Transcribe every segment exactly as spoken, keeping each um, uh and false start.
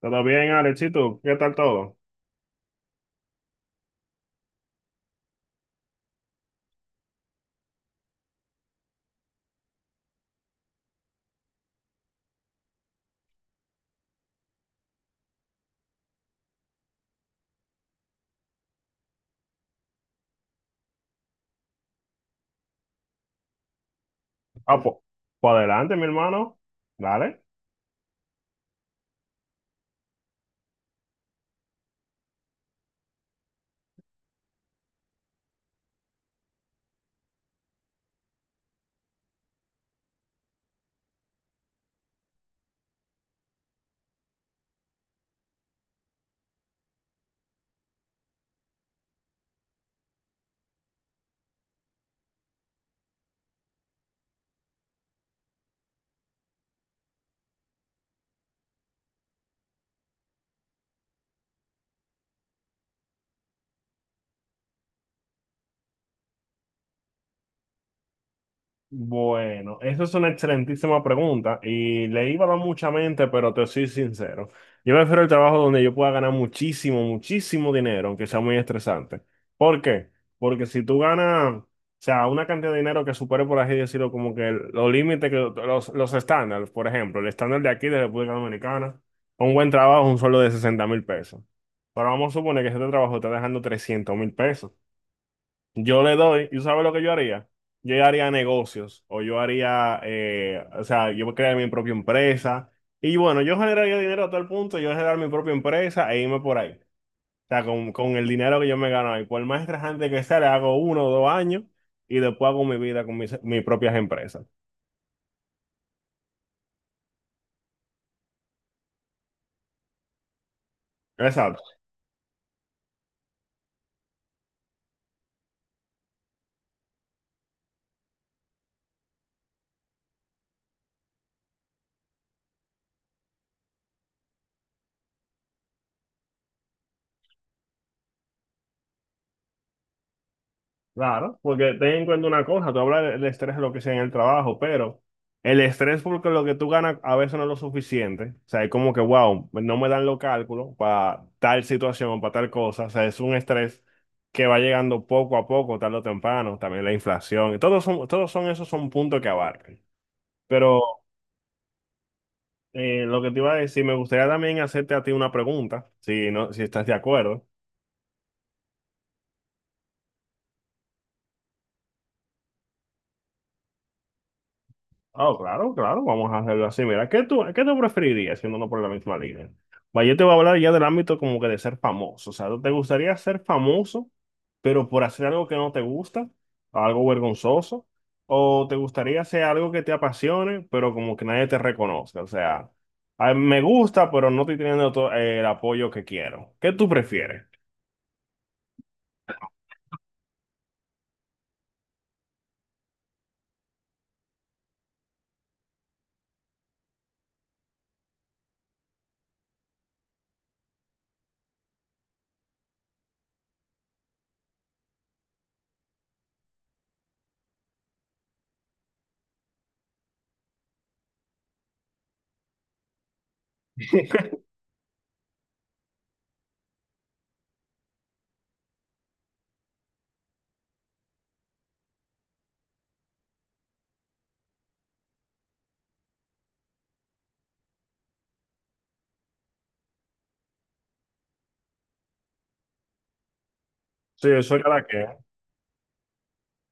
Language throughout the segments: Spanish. ¿Todo bien, Alexito? ¿Qué tal todo? Ah, pues, pues adelante, mi hermano. Dale. Bueno, esa es una excelentísima pregunta y le iba a dar mucha mente, pero te soy sincero. Yo prefiero el trabajo donde yo pueda ganar muchísimo, muchísimo dinero, aunque sea muy estresante. ¿Por qué? Porque si tú ganas, o sea, una cantidad de dinero que supere, por así decirlo, como que el- los límites, que los, los estándares, por ejemplo, el estándar de aquí de República Dominicana, un buen trabajo, un sueldo de sesenta mil pesos. Pero vamos a suponer que este trabajo está dejando trescientos mil pesos. Yo le doy, ¿y tú sabes lo que yo haría? Yo ya haría negocios o yo haría, eh, o sea, yo crearía mi propia empresa y bueno, yo generaría dinero a tal punto, yo generar mi propia empresa e irme por ahí. O sea, con, con el dinero que yo me gano ahí, por más estresante que sea, le hago uno o dos años y después hago mi vida con mis, mis propias empresas. Exacto. Claro, porque ten en cuenta una cosa, tú hablas del estrés de lo que sea en el trabajo, pero el estrés porque lo que tú ganas a veces no es lo suficiente. O sea, es como que, wow, no me dan los cálculos para tal situación o para tal cosa. O sea, es un estrés que va llegando poco a poco, tarde o temprano, también la inflación. y Todos son, todos son esos son puntos que abarcan. Pero eh, lo que te iba a decir, me gustaría también hacerte a ti una pregunta, si no, si estás de acuerdo. Ah, claro, claro, vamos a hacerlo así. Mira, ¿qué tú, qué tú preferirías siendo no por la misma línea? Va, yo te voy a hablar ya del ámbito como que de ser famoso. O sea, ¿te gustaría ser famoso, pero por hacer algo que no te gusta, algo vergonzoso? ¿O te gustaría hacer algo que te apasione, pero como que nadie te reconozca? O sea, "Ay, me gusta, pero no estoy teniendo to- eh, el apoyo que quiero". ¿Qué tú prefieres? Sí, eso era la que.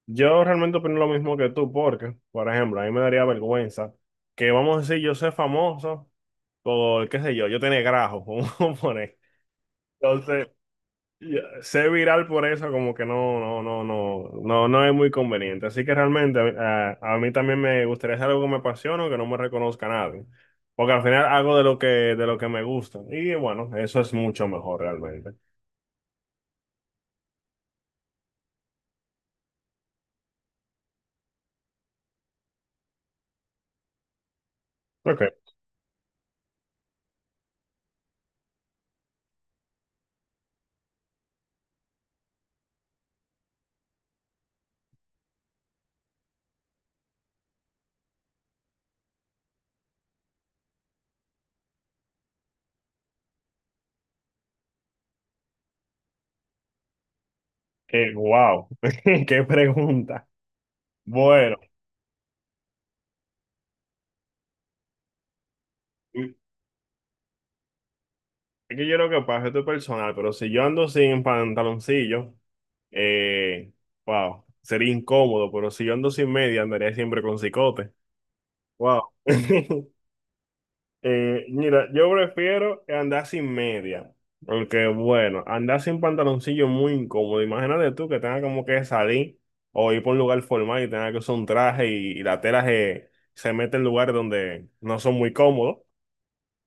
Yo realmente opino lo mismo que tú, porque, por ejemplo, a mí me daría vergüenza que, vamos a decir, yo soy famoso por, qué sé yo, yo tenía grajo, como poner. Entonces, yo ser viral por eso como que no, no, no, no, no, no es muy conveniente. Así que realmente eh, a mí también me gustaría hacer algo que me apasione o que no me reconozca nadie. Porque al final hago de lo que, de lo que me gusta. Y bueno, eso es mucho mejor realmente. Ok. Eh, wow. Qué pregunta. Bueno. Es que yo lo que pasa, esto es personal, pero si yo ando sin pantaloncillo, eh, wow, sería incómodo, pero si yo ando sin media, andaría siempre con cicote. Wow. Eh, mira, yo prefiero andar sin media, porque bueno, andar sin pantaloncillo es muy incómodo. Imagínate tú que tengas como que salir o ir por un lugar formal y tengas que usar un traje y, y la tela se, se mete en lugares donde no son muy cómodos.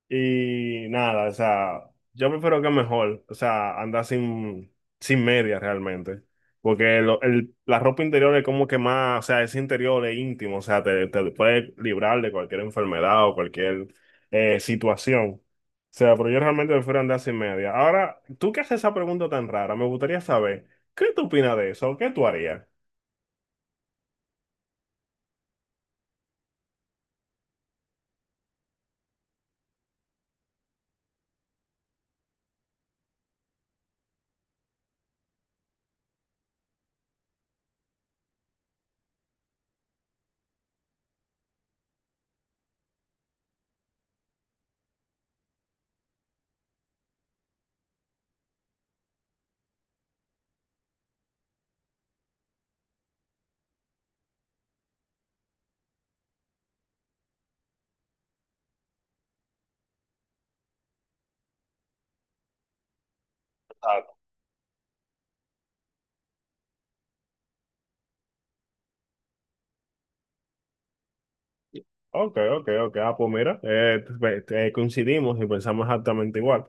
Y nada, o sea, yo prefiero que mejor, o sea, andar sin, sin medias realmente. Porque lo- el- la ropa interior es como que más, o sea, es interior, es íntimo, o sea, te, te puede librar de cualquier enfermedad o cualquier eh, situación. O sea, pero yo realmente prefiero andar sin medias. Ahora, tú que haces esa pregunta tan rara, me gustaría saber, ¿qué tú opinas de eso? ¿Qué tú harías? Ah, Ok, ok, ok. Ah, pues mira, eh, te- te- coincidimos y pensamos exactamente igual.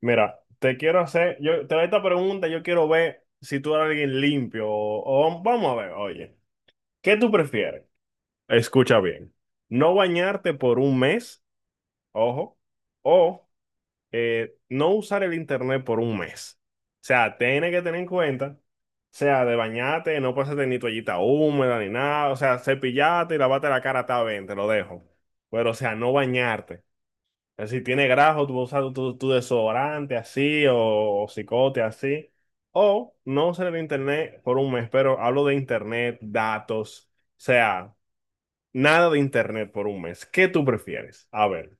Mira, te quiero hacer, yo te hago esta pregunta, yo quiero ver si tú eres alguien limpio o, o vamos a ver, oye, ¿qué tú prefieres? Escucha bien, no bañarte por un mes, ojo, o eh, no usar el internet por un mes. O sea, tienes que tener en cuenta, o sea, de bañarte, no pasarte ni toallita húmeda ni nada, o sea, cepillate y lavate la cara, está bien, te lo dejo. Pero, o sea, no bañarte. Si tiene grajo, tú usas tu, tu desodorante así o, o cicote así. O no usar el internet por un mes, pero hablo de internet, datos, o sea, nada de internet por un mes. ¿Qué tú prefieres? A ver.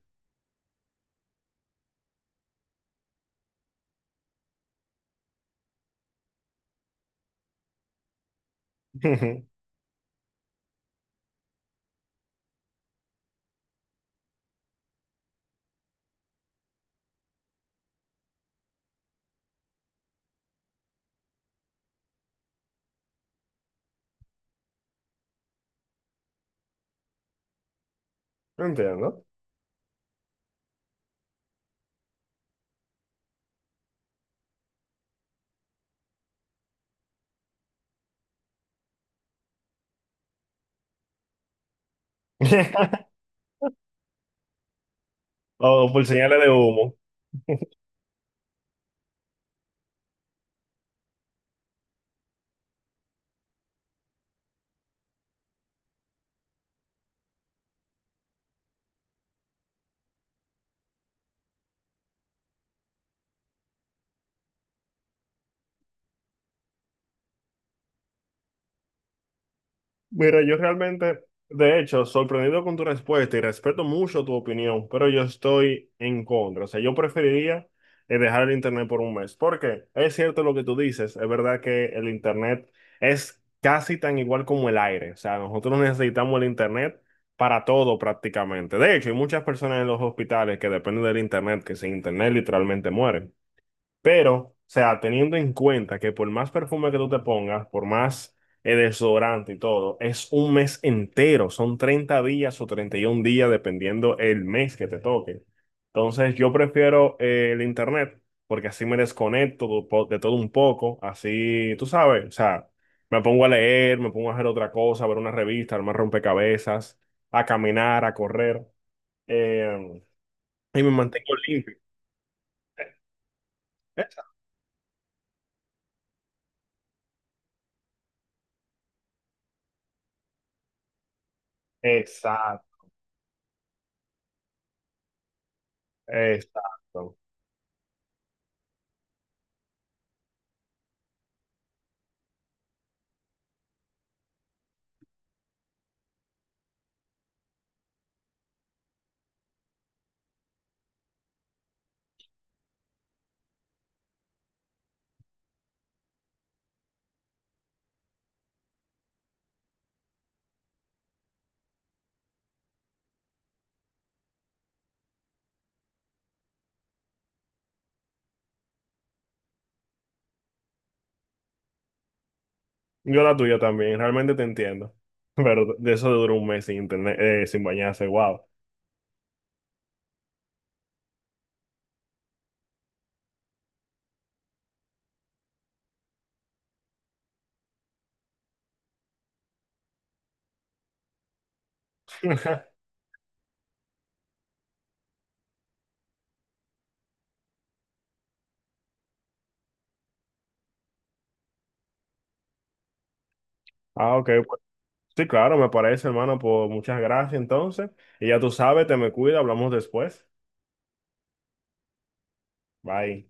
No entiendo. O por señales de humo. Mira, yo realmente, de hecho, sorprendido con tu respuesta y respeto mucho tu opinión, pero yo estoy en contra. O sea, yo preferiría eh, dejar el internet por un mes, porque es cierto lo que tú dices, es verdad que el internet es casi tan igual como el aire. O sea, nosotros necesitamos el internet para todo prácticamente. De hecho, hay muchas personas en los hospitales que dependen del internet, que sin internet literalmente mueren. Pero, o sea, teniendo en cuenta que por más perfume que tú te pongas, por más eh, desodorante y todo, es un mes entero, son treinta días o treinta y un días, dependiendo el mes que te toque. Entonces, yo prefiero eh, el internet, porque así me desconecto de po- de todo un poco, así, tú sabes, o sea, me pongo a leer, me pongo a hacer otra cosa, a ver una revista, armar rompecabezas, a caminar, a correr, eh, y me mantengo limpio. Exacto. Exacto. Yo la tuya también, realmente te entiendo. Pero de eso duró un mes sin internet, eh, sin bañarse, wow. Ah, ok, pues sí, claro, me parece, hermano, pues muchas gracias entonces. Y ya tú sabes, te me cuida, hablamos después. Bye.